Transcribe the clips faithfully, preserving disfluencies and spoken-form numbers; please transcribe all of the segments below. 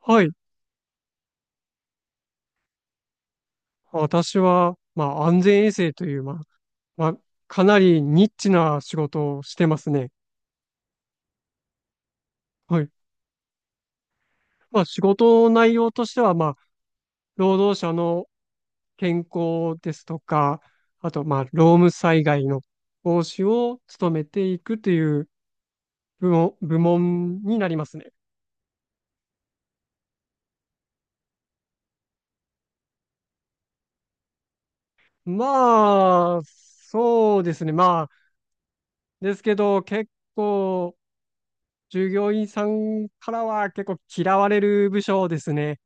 はい。私は、まあ、安全衛生という、まあ、まあ、かなりニッチな仕事をしてますね。はい。まあ、仕事の内容としては、まあ、労働者の健康ですとか、あと、まあ、労務災害の防止を努めていくという部門、部門になりますね。まあ、そうですね。まあ、ですけど、結構、従業員さんからは結構嫌われる部署ですね。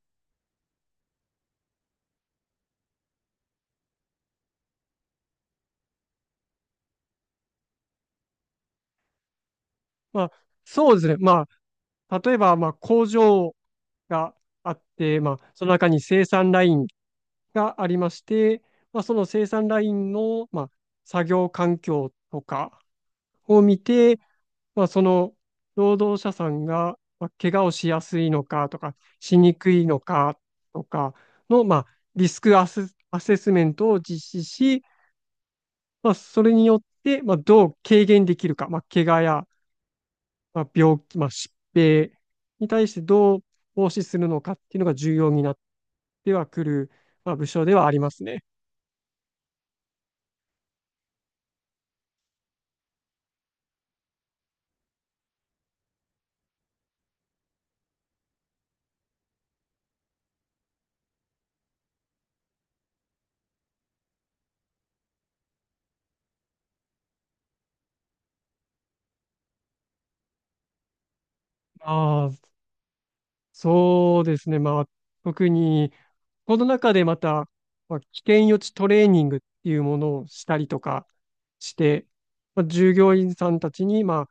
まあ、そうですね。まあ、例えば、まあ、工場があって、まあ、その中に生産ラインがありまして、まあ、その生産ラインの、まあ、作業環境とかを見て、まあ、その労働者さんが、まあ、怪我をしやすいのかとか、しにくいのかとかの、まあ、リスクアセ、アセスメントを実施し、まあ、それによって、まあ、どう軽減できるか、まあ、怪我やまあ、病気、まあ、疾病に対してどう防止するのかっていうのが重要になってはくる、まあ、部署ではありますね。ああ、そうですね。まあ、特に、この中でまた、まあ、危険予知トレーニングっていうものをしたりとかして、まあ、従業員さんたちに、まあ、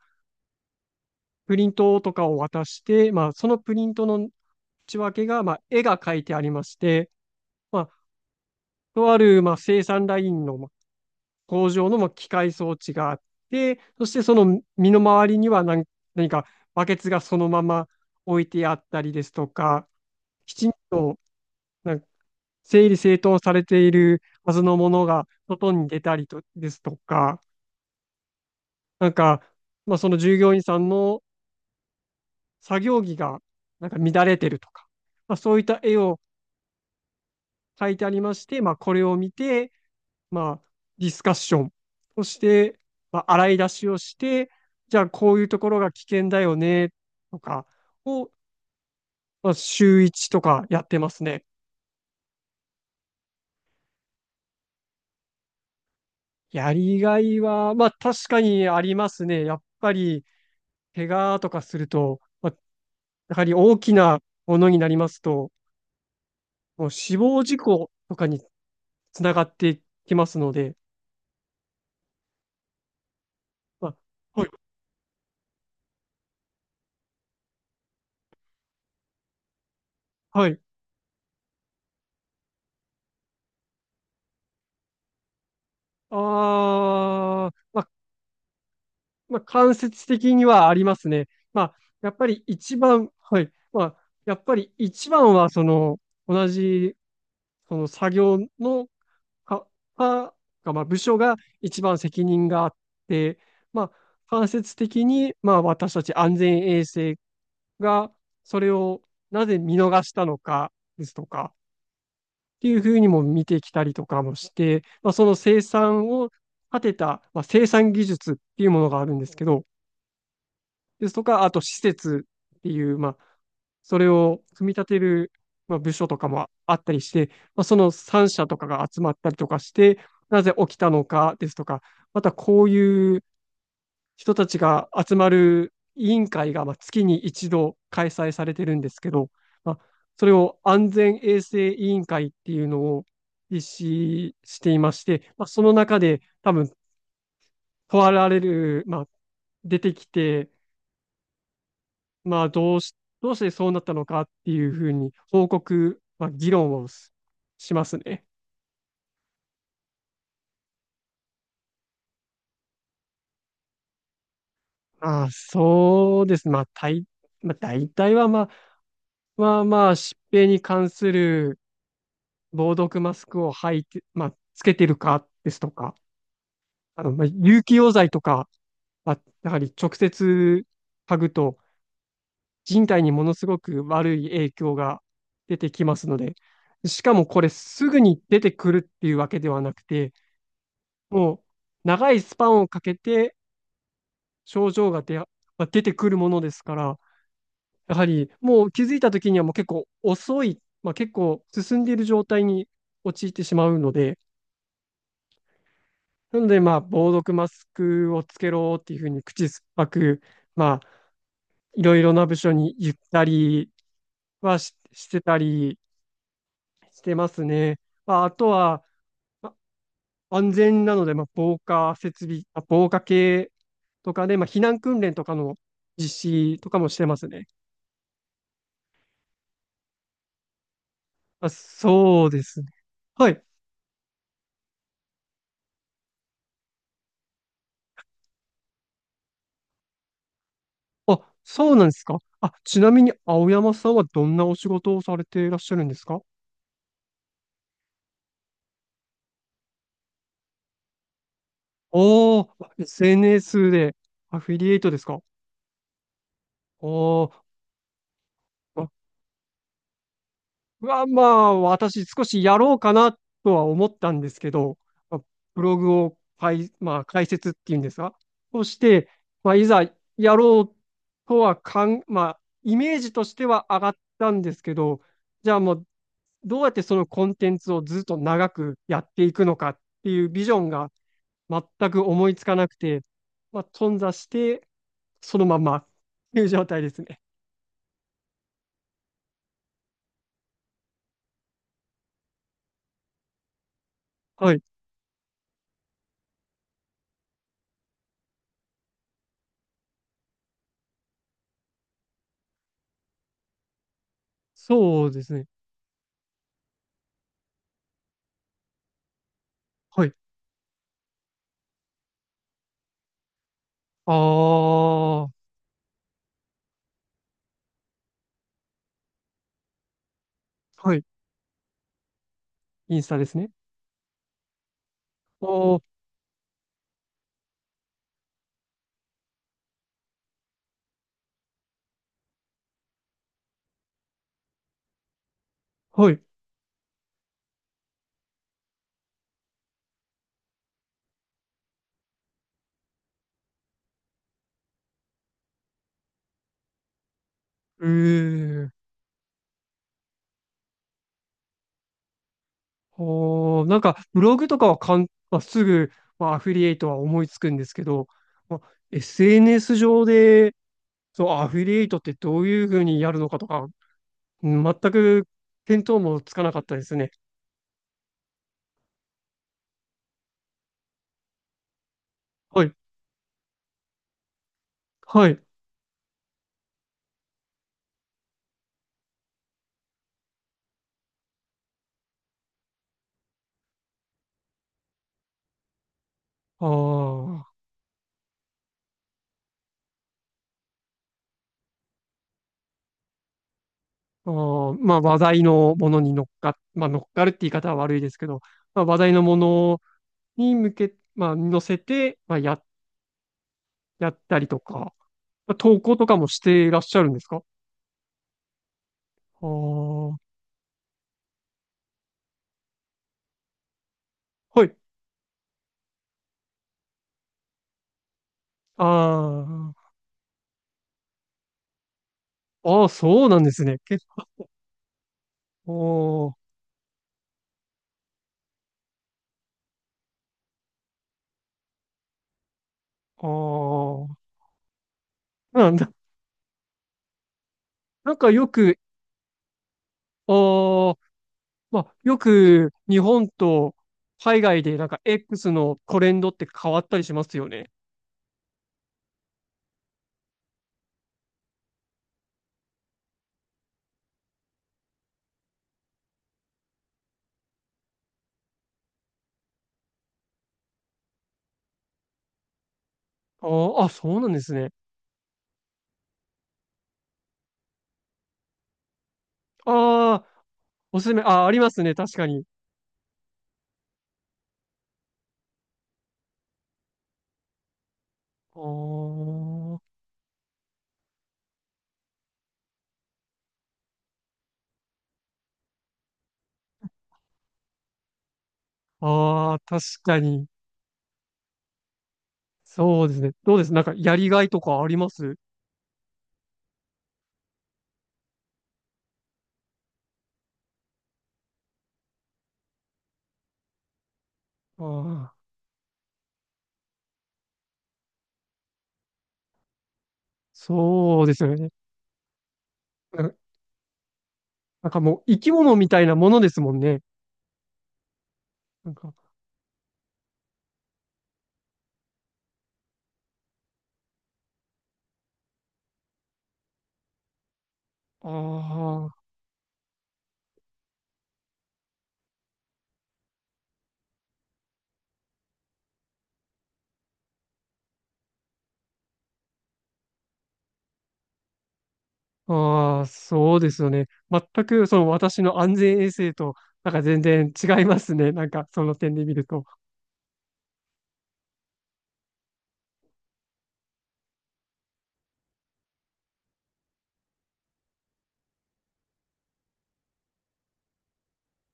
プリントとかを渡して、まあ、そのプリントの内訳が、まあ、絵が描いてありまして、まあ、とある、まあ、生産ラインの工場のまあ機械装置があって、そしてその身の回りには何、何かバケツがそのまま置いてあったりですとか、きちんとなんか整理整頓されているはずのものが外に出たりとですとか、なんか、まあ、その従業員さんの作業着がなんか乱れてるとか、まあ、そういった絵を描いてありまして、まあ、これを見て、まあ、ディスカッションをして、まあ、洗い出しをして、じゃあこういうところが危険だよね、とかを、まあ、週いちとかやってますね。やりがいは、まあ確かにありますね。やっぱり、怪我とかすると、まあ、やはり大きなものになりますと、もう死亡事故とかにつながってきますので、まあ、はい、はい。ああ、まあ、まあ、間接的にはありますね。まあ、やっぱり一番、はい。まあ、やっぱり一番は、その、同じ、その作業のか、か、がまあ、部署が一番責任があって、まあ、間接的に、まあ、私たち安全衛生が、それをなぜ見逃したのかですとか、っていうふうにも見てきたりとかもして、まあ、その生産を立てた、まあ、生産技術っていうものがあるんですけど、ですとか、あと施設っていう、まあ、それを組み立てる、まあ、部署とかもあったりして、まあ、そのさん社とかが集まったりとかして、なぜ起きたのかですとか、またこういう人たちが集まる委員会がまあつきにいちど開催されてるんですけど、まあ、それを安全衛生委員会っていうのを実施していまして、まあ、その中で多分問われる、まあ、出てきてまあ、どうし、どうしてそうなったのかっていうふうに報告、まあ、議論をすしますね。ああ、そうです。まあ、大、まあ、大体は、まあ、まあまあ、疾病に関する防毒マスクを履いて、まあ、つけてるかですとか、あの、まあ、有機溶剤とか、まあ、やはり直接嗅ぐと人体にものすごく悪い影響が出てきますので、しかもこれすぐに出てくるっていうわけではなくて、もう長いスパンをかけて症状が出や、まあ出てくるものですから、やはりもう気づいた時にはもう結構遅い、まあ、結構進んでいる状態に陥ってしまうので、なのでまあ防毒マスクをつけろっていうふうに口酸っぱく、まあいろいろな部署に言ったりはし、してたりしてますね。まあ、あとは、安全なので、まあ、防火設備、あ防火系とかで、まあ、避難訓練とかの実施とかもしてますね。あ、そうですね。はい。あ、そうなんですか。あ、ちなみに青山さんはどんなお仕事をされていらっしゃるんですか？おー、エスエヌエス でアフィリエイトですか？おー、は、まあ、私少しやろうかなとは思ったんですけど、まあブログを解、まあ、解説っていうんですか。そして、まあ、いざやろうとはかん、まあ、イメージとしては上がったんですけど、じゃあもう、どうやってそのコンテンツをずっと長くやっていくのかっていうビジョンが全く思いつかなくて、まあ、頓挫して、そのままっていう状態ですね。はい。そうですね。はい。ああ、はい。インスタですね。ああ、はい。ええ、ああ、なんか、ブログとかはかん、まあ、すぐ、まあ、アフィリエイトは思いつくんですけど、まあ、エスエヌエス 上で、そう、アフィリエイトってどういうふうにやるのかとか、うん全く見当もつかなかったですね。はい。はい。あー、あー、まあ、話題のものに乗っか、まあ、乗っかるって言い方は悪いですけど、まあ、話題のものに向け、まあ、乗せて、まあ、や、やったりとか、投稿とかもしていらっしゃるんですか？ああー、はい。ああ、ああ、そうなんですね。結構、ああ、ああ、なんだ、なんかよく、ああ、まあ、よく日本と海外でなんか エックス のトレンドって変わったりしますよね。ああ、あ、そうなんですね。ああ、おすすめ、ああ、ありますね、確かに。ああ、ああ、確かに。そうですね。どうです？なんかやりがいとかあります？ああー、そうですよね。うん。なんかもう生き物みたいなものですもんね。なんか、ああ、ああ、そうですよね。全くその私の安全衛生と、なんか全然違いますね。なんかその点で見ると。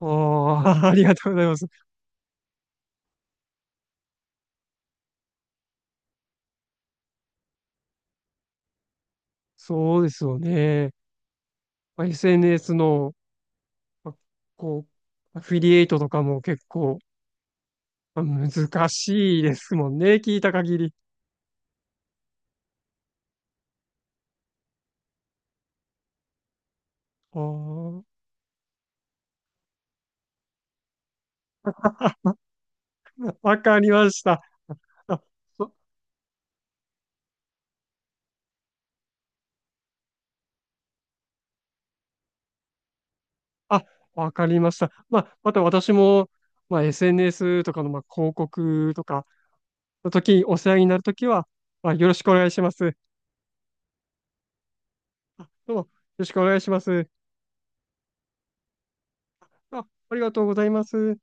ああ、ありがとうございます。そうですよね。まあ エスエヌエス の、まあこう、アフィリエイトとかも結構、まあ難しいですもんね。聞いた限り。ああ、わかりました。あ、そあ、わかりました。まあ、また私も、まあ、エスエヌエス とかの、まあ、広告とかの時にお世話になるときは、まあ、よろしくお願いします。どうも、よろしくお願いします。あ、ありがとうございます。